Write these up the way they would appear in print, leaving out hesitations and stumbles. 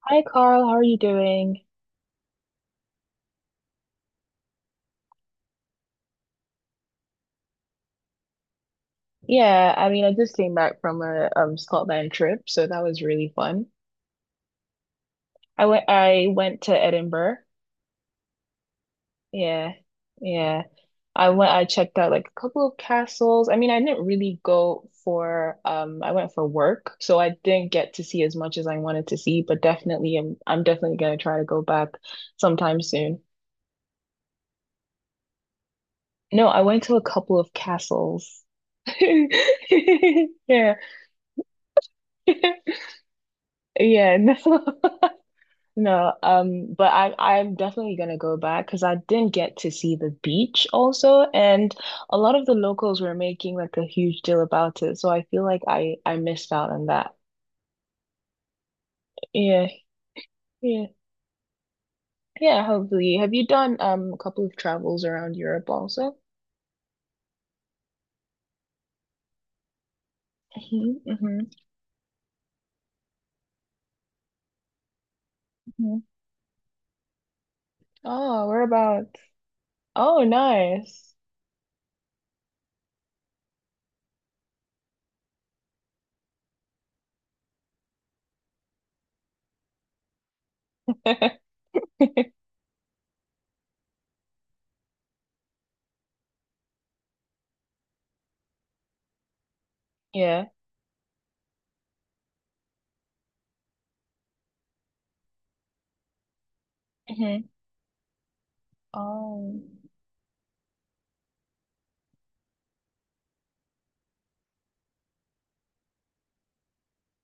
Hi Carl, how are you doing? Yeah, I mean, I just came back from a Scotland trip, so that was really fun. I went to Edinburgh. Yeah. Yeah. I checked out like a couple of castles. I mean, I didn't really go for I went for work, so I didn't get to see as much as I wanted to see, but definitely I'm definitely gonna try to go back sometime soon. No, I went to a couple of castles. Yeah. Yeah, no. No, but I'm definitely gonna go back because I didn't get to see the beach also, and a lot of the locals were making like a huge deal about it, so I feel like I missed out on that. Yeah, yeah, yeah. Hopefully, have you done a couple of travels around Europe also? Hmm. Hmm. Hmm. Oh, whereabouts? Oh, nice. Yeah. Hmm. Oh,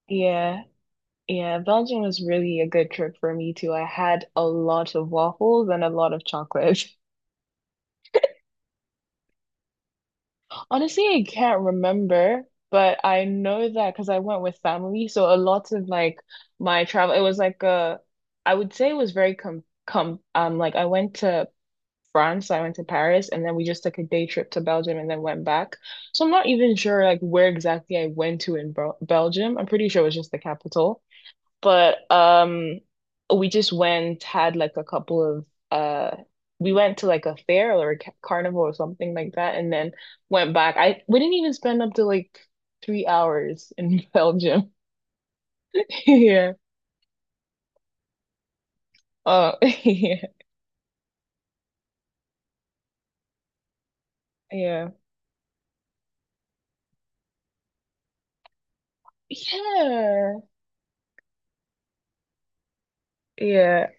yeah. Yeah, Belgium was really a good trip for me too. I had a lot of waffles and a lot of chocolate. Honestly, I can't remember, but I know that because I went with family. So a lot of like my travel, it was like a, I would say it was very com com like I went to France, I went to Paris, and then we just took a day trip to Belgium and then went back. So I'm not even sure like where exactly I went to in Belgium. I'm pretty sure it was just the capital. But we just went, had like a couple of we went to like a fair or a carnival or something like that and then went back. I We didn't even spend up to like 3 hours in Belgium. Yeah. Oh, yeah. Yeah. Yeah. Yeah.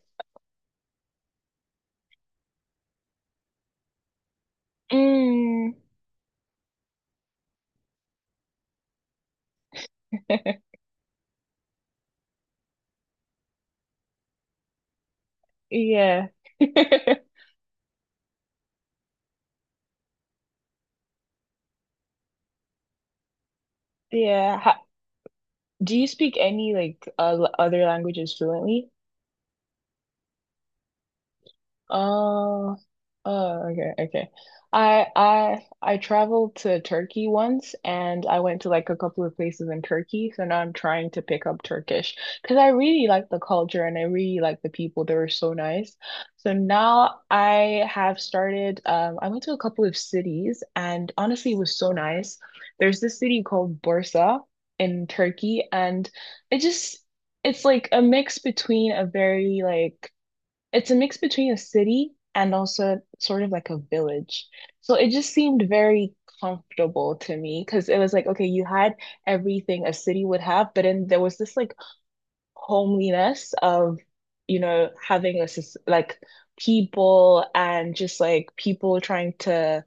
Mm. Yeah. Yeah. Do you speak any like other languages fluently? Oh, oh, okay, okay. I traveled to Turkey once and I went to like a couple of places in Turkey, so now I'm trying to pick up Turkish because I really like the culture and I really like the people. They were so nice. So now I have started I went to a couple of cities and honestly it was so nice. There's this city called Bursa in Turkey and it just it's like a mix between a very like it's a mix between a city and also sort of like a village. So it just seemed very comfortable to me because it was like, okay, you had everything a city would have, but then there was this like homeliness of, you know, having like people and just like people trying to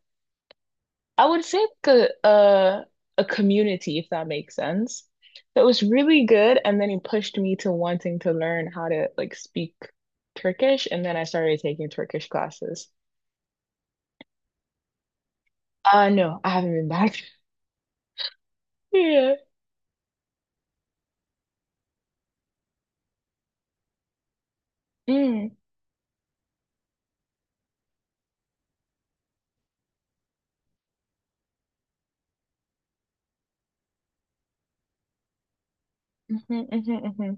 I would say like a community, if that makes sense. That was really good, and then he pushed me to wanting to learn how to like speak Turkish, and then I started taking Turkish classes. Uh, no, I haven't been back. Yeah. Mm. Hmm. Hmm. Hmm.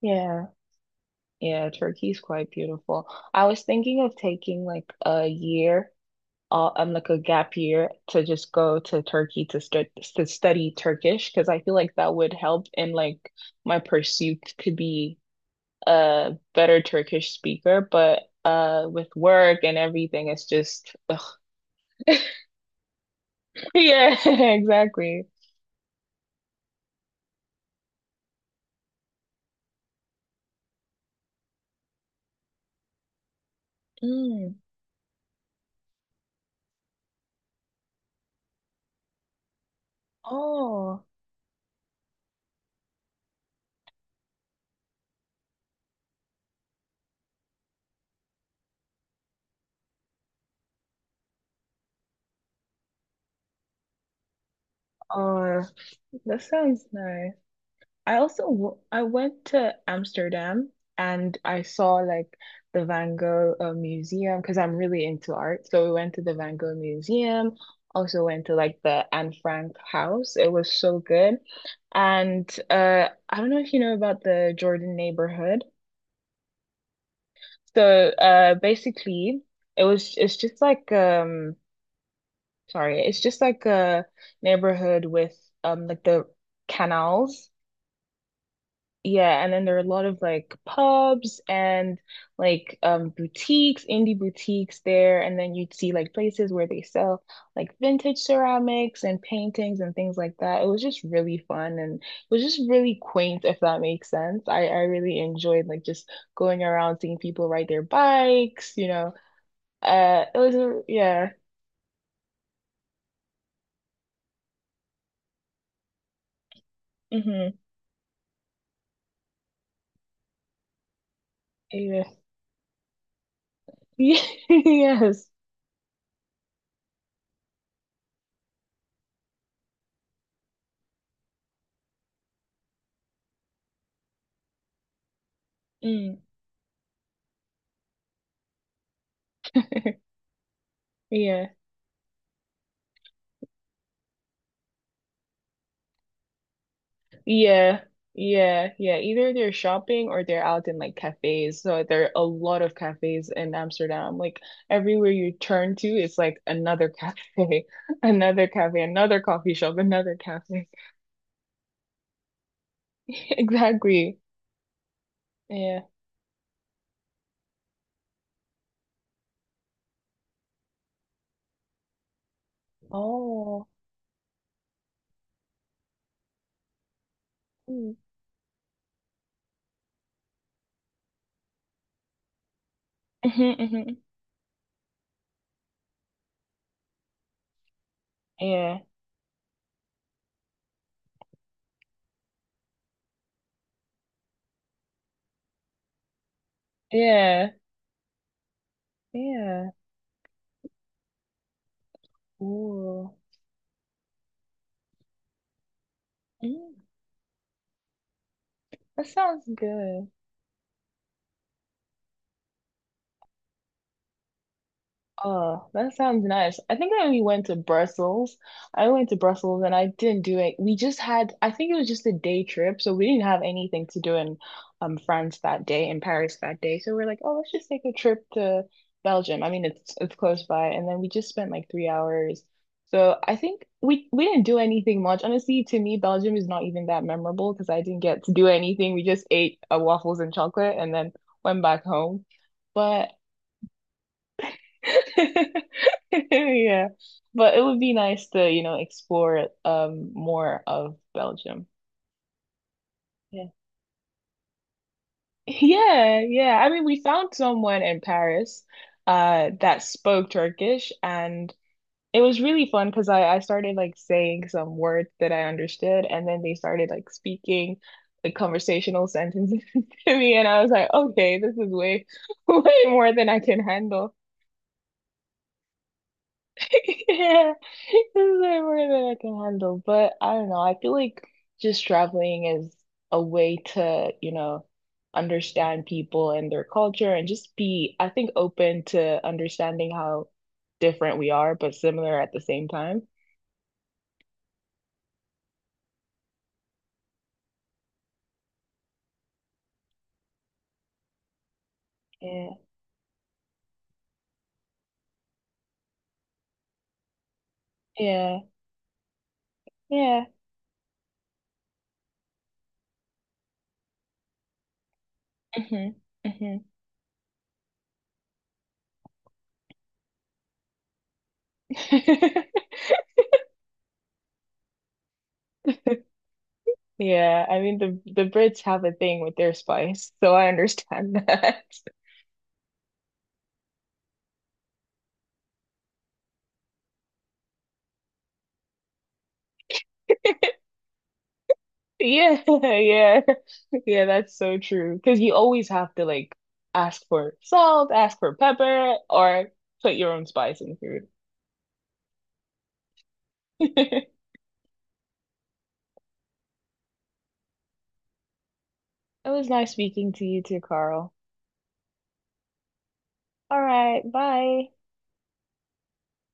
Yeah. Yeah, Turkey's quite beautiful. I was thinking of taking like a year like a gap year to just go to Turkey to start to study Turkish because I feel like that would help in like my pursuit to be a better Turkish speaker. But with work and everything, it's just ugh. Yeah, exactly. Mm. Oh, oh, that sounds nice. I also w I went to Amsterdam and I saw like the Van Gogh Museum because I'm really into art. So we went to the Van Gogh Museum, also went to like the Anne Frank house. It was so good. And I don't know if you know about the Jordan neighborhood. So basically, it's just like sorry, it's just like a neighborhood with like the canals. Yeah, and then there are a lot of like pubs and like boutiques, indie boutiques there, and then you'd see like places where they sell like vintage ceramics and paintings and things like that. It was just really fun and it was just really quaint, if that makes sense. I really enjoyed like just going around seeing people ride their bikes, you know. It was a, yeah. Mm-hmm. Yeah. Yes. Mm. Yeah. Yeah, yeah, yeah. Either they're shopping or they're out in like cafes. So there are a lot of cafes in Amsterdam. Like everywhere you turn to, it's like another cafe, another cafe, another coffee shop, another cafe. Exactly. Yeah. Oh. Mm. Mhm, mhm. Yeah. Yeah. Yeah. Ooh. Mm. That sounds good. Oh, that sounds nice. I think I only went to Brussels. I went to Brussels and I didn't do it. We just had, I think it was just a day trip, so we didn't have anything to do in France that day, in Paris that day. So we're like, oh, let's just take a trip to Belgium. I mean, it's close by, and then we just spent like 3 hours. So I think we didn't do anything much. Honestly, to me, Belgium is not even that memorable because I didn't get to do anything. We just ate waffles and chocolate and then went back home. But yeah. But it would be nice to, you know, explore more of Belgium. Yeah. Yeah, yeah. I mean, we found someone in Paris that spoke Turkish and it was really fun because I started like saying some words that I understood and then they started like speaking like conversational sentences to me and I was like, okay, this is way way more than I can handle. Yeah, it's way more than I can handle. But I don't know. I feel like just traveling is a way to, you know, understand people and their culture and just be, I think, open to understanding how different we are, but similar at the same time. Yeah. Yeah. Yeah. Hmm. Hmm. Yeah. I mean, the Brits have a thing with their spice, so I understand that. Yeah, yeah. Yeah, that's so true. Because you always have to like ask for salt, ask for pepper, or put your own spice in food. It was nice speaking to you too, Carl. All right, bye.